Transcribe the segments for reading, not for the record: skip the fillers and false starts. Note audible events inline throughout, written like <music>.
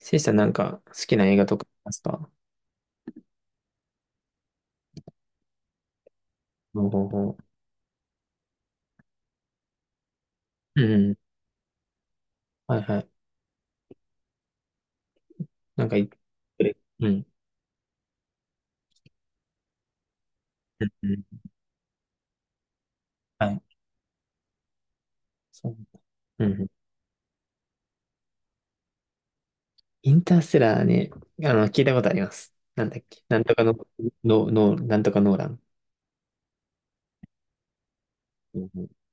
せいさん、なんか好きな映画とかありますか？ほうほうほう。うんうん。はいはい。なんかい、うん。うんうん。はい。そう。うんうん。インターステラーね、あの、聞いたことあります。なんだっけ。なんとかの、の、の、なんとかノーラン。うんうん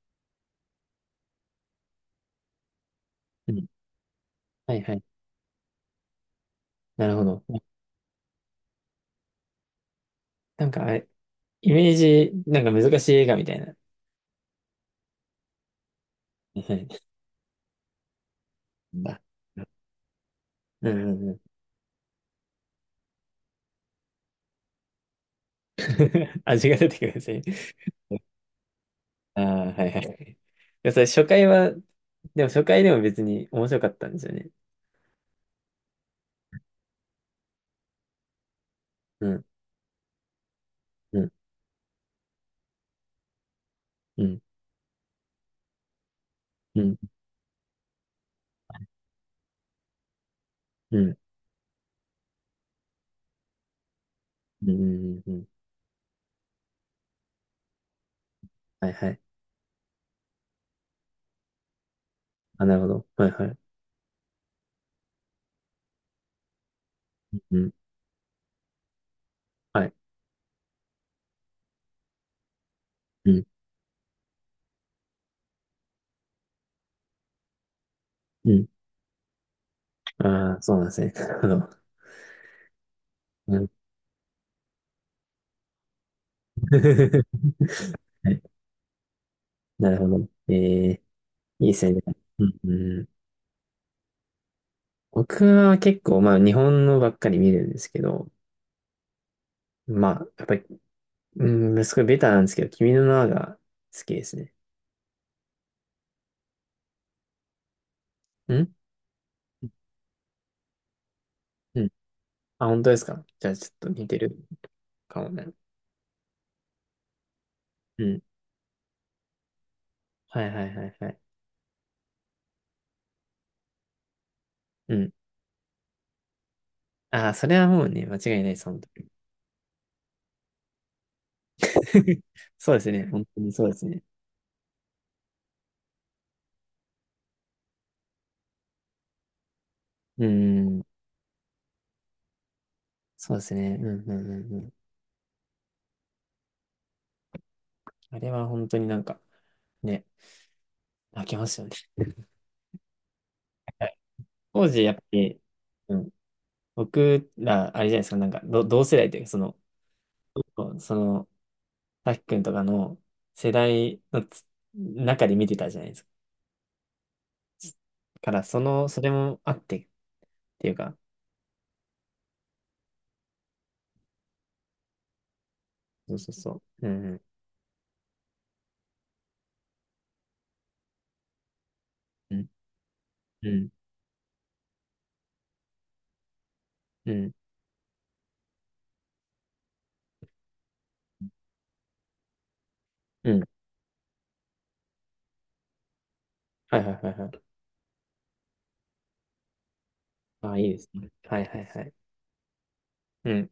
うん。はいはい。なるほど。なんかあれ、イメージ、なんか難しい映画みたいな。はい。うん、あ、<laughs> うんうんうん。<laughs> 味が出てくるんですね。ああ、はいはい。いや、それ初回は、でも初回でも別に面白かったんですよね。うん、うん、うん、うん、うん、うん、うん、うん。はいはい。あ、なるほど。はいはい。うん、はい。うん、うん。ああ、そうなんですね。<laughs> なるほど。うん。 <laughs> はい。なるほど。ええ、いいですね。うん、うん。僕は結構、まあ、日本のばっかり見るんですけど、まあ、やっぱり、うん、すごいベタなんですけど、君の名はが好きですね。うんうん。あ、本当ですか？じゃあ、ちょっと似てるかもね。うん。はいはいはいはい。うん。ああ、それはもうね、間違いないです、本当に。 <laughs> そうですね。本当にそうですね。うん。そうですね。うんうんうんうん。あれは本当になんか、ね、泣けますよね。はい。当時やっぱり、うん、僕ら、あれじゃないですか、なんか、同世代というか、その、その、さきくんとかの世代の中で見てたじゃないですか。だから、その、それもあってっていうか、そうそうそう。うんうんうんうんうんうん。はいはいはいはい。ああ、いいですね。はいはいはい。うん。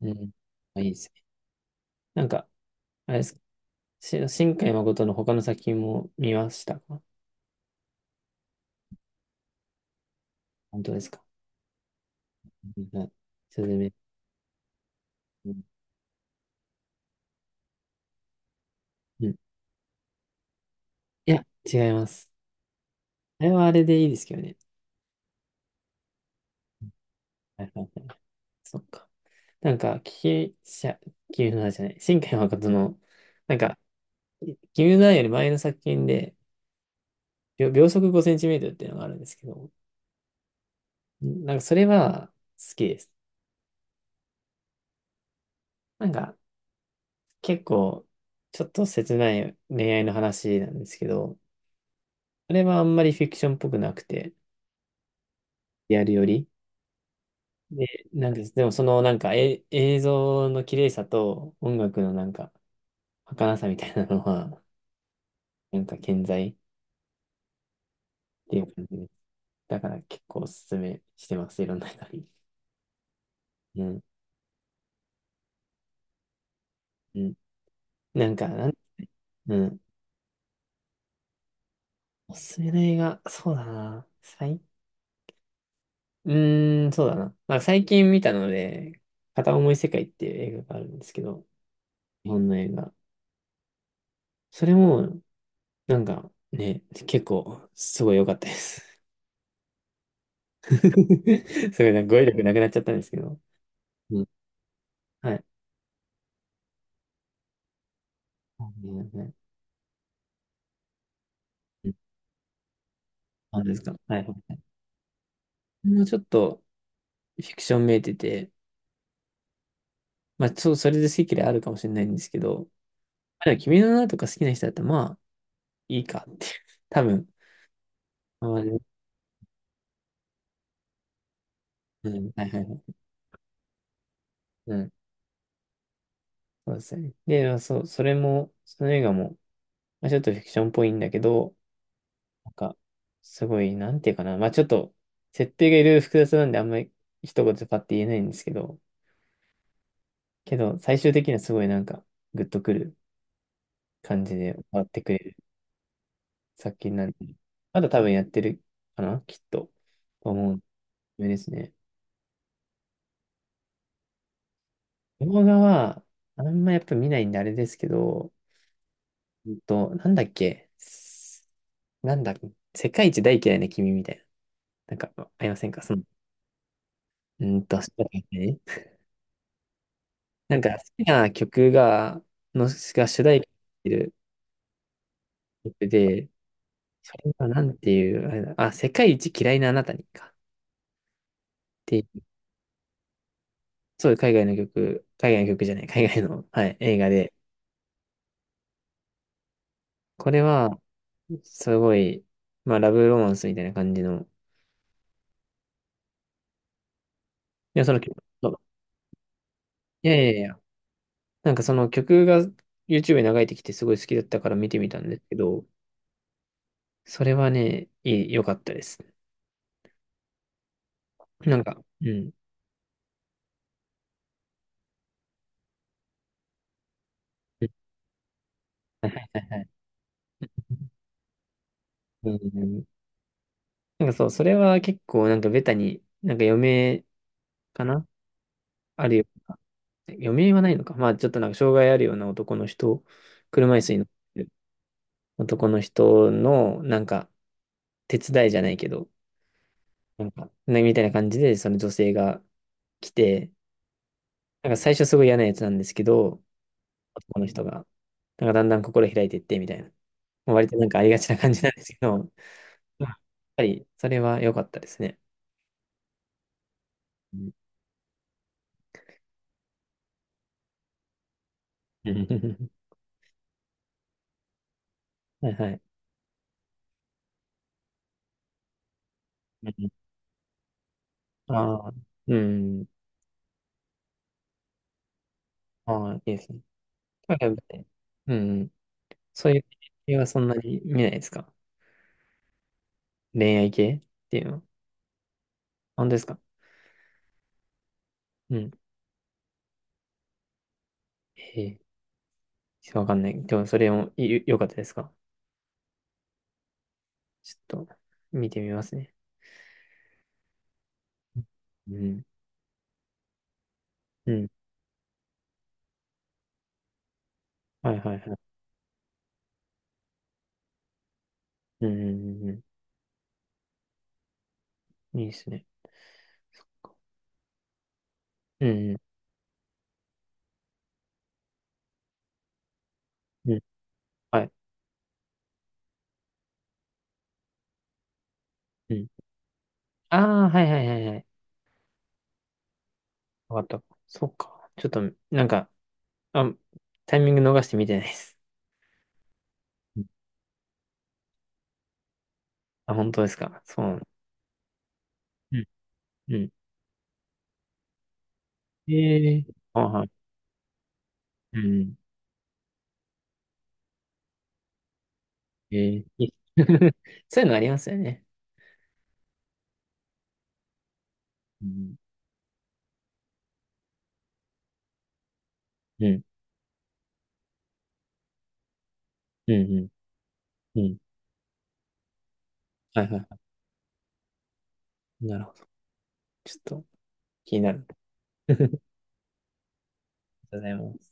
うん。あ、いいですね。なんか、あれですか。新海誠の他の作品も見ましたか？本当ですか？はい。すずめ。うん。うん。いや、違います。あれはあれでいいですけどね。はいはいはい。そっか。なんか、聞き、しゃ、君の名じゃない。新海誠の、なんか、君の名より前の作品で、秒、秒速5センチメートルっていうのがあるんですけど、んなんか、それは好きです。なんか、結構、ちょっと切ない恋愛の話なんですけど、あれはあんまりフィクションっぽくなくて、リアルより。で、なんです。でも、そのなんか、え、映像の綺麗さと音楽のなんか、儚さみたいなのは、<laughs> なんか健在っていう感じです。だから結構おすすめしてます、いろんな人に。うん。うん。なんか、なん、うん。おすすめの映画、そうだな。最、う、そうだな。まあ、最近見たので、片思い世界っていう映画があるんですけど、日本の映画。それも、なんかね、結構、すごい良かったです。<laughs> すごい、なんか語彙力なくなっちゃったんですけど。うん、はい。ははい。うん、あ、ですか。はい。もうちょっとフィクションめいてて、まあ、そう、それで好き嫌いあるかもしれないんですけど、まあでも君の名はとか好きな人だったら、まあ、いいかっていう。<laughs> 多分。まあまあね。うん。はいはいはい。うん。そうですね。で、まあそう、それも、その映画も、まあ、ちょっとフィクションっぽいんだけど、なんか、すごい、なんていうかな。まあ、ちょっと、設定がいろいろ複雑なんで、あんまり一言でパッて言えないんですけど、けど、最終的にはすごいなんか、グッとくる感じで終わってくれる作品なんで、まだ多分やってるかな、きっと。と思う。ですね。動画は、あんまやっぱ見ないんであれですけど、なんだっけ、す、なんだ、世界一大嫌いな君みたいな。なんか、ありませんかその、主題歌ね。なんか好きな曲が、の、が主題歌になってる曲で、それはなんていう、あれだ、あ、世界一嫌いなあなたにか。っていう。そう、海外の曲、海外の曲じゃない、海外の、はい、映画で、これは、すごい、まあ、ラブロマンスみたいな感じの、いや、その曲、そう、いやいやいや、なんかその曲が YouTube に流れてきてすごい好きだったから見てみたんですけど、それはね、いい、良かったです。なんか、うん。はいはい。うん。なんかそう、それは結構なんかベタに、なんか余命かな、あるような。余命はないのか。まあちょっとなんか障害あるような男の人、車椅子に乗って男の人の、なんか、手伝いじゃないけど、なんか、ねみたいな感じで、その女性が来て、なんか最初すごい嫌なやつなんですけど、男の人が、なんかだんだん心開いていって、みたいな。まあ割となんかありがちな感じなんですけど、うん、やっぱり、それは良かったですね。うんうん。はいはい。うん。ああ、うん。ああ、いいですね。なんかやっぱり、うん。そういう系はそんなに見ないですか？恋愛系っていうのは。本当ですか？うん。へえ、ちょっとわかんない。でも、それもい良かったですか？ちょっと、見てみますね。うん。うん。はいはいはい。うん。うんうんうん。いいですね。うん。うん。はい。うん。ああ、はいはいはいはい。わかった。そっか。ちょっと、なんか、あ、タイミング逃して見てないです。うん。あ、本当ですか。そうなんだ。うん。うん。ええ、あ、はい。うん。ええい、 <laughs> そういうのありますよね。うん。うん。うん。うん。うん。はいはいはい。なるほど。ちょっと、気になる。<laughs> とうございます。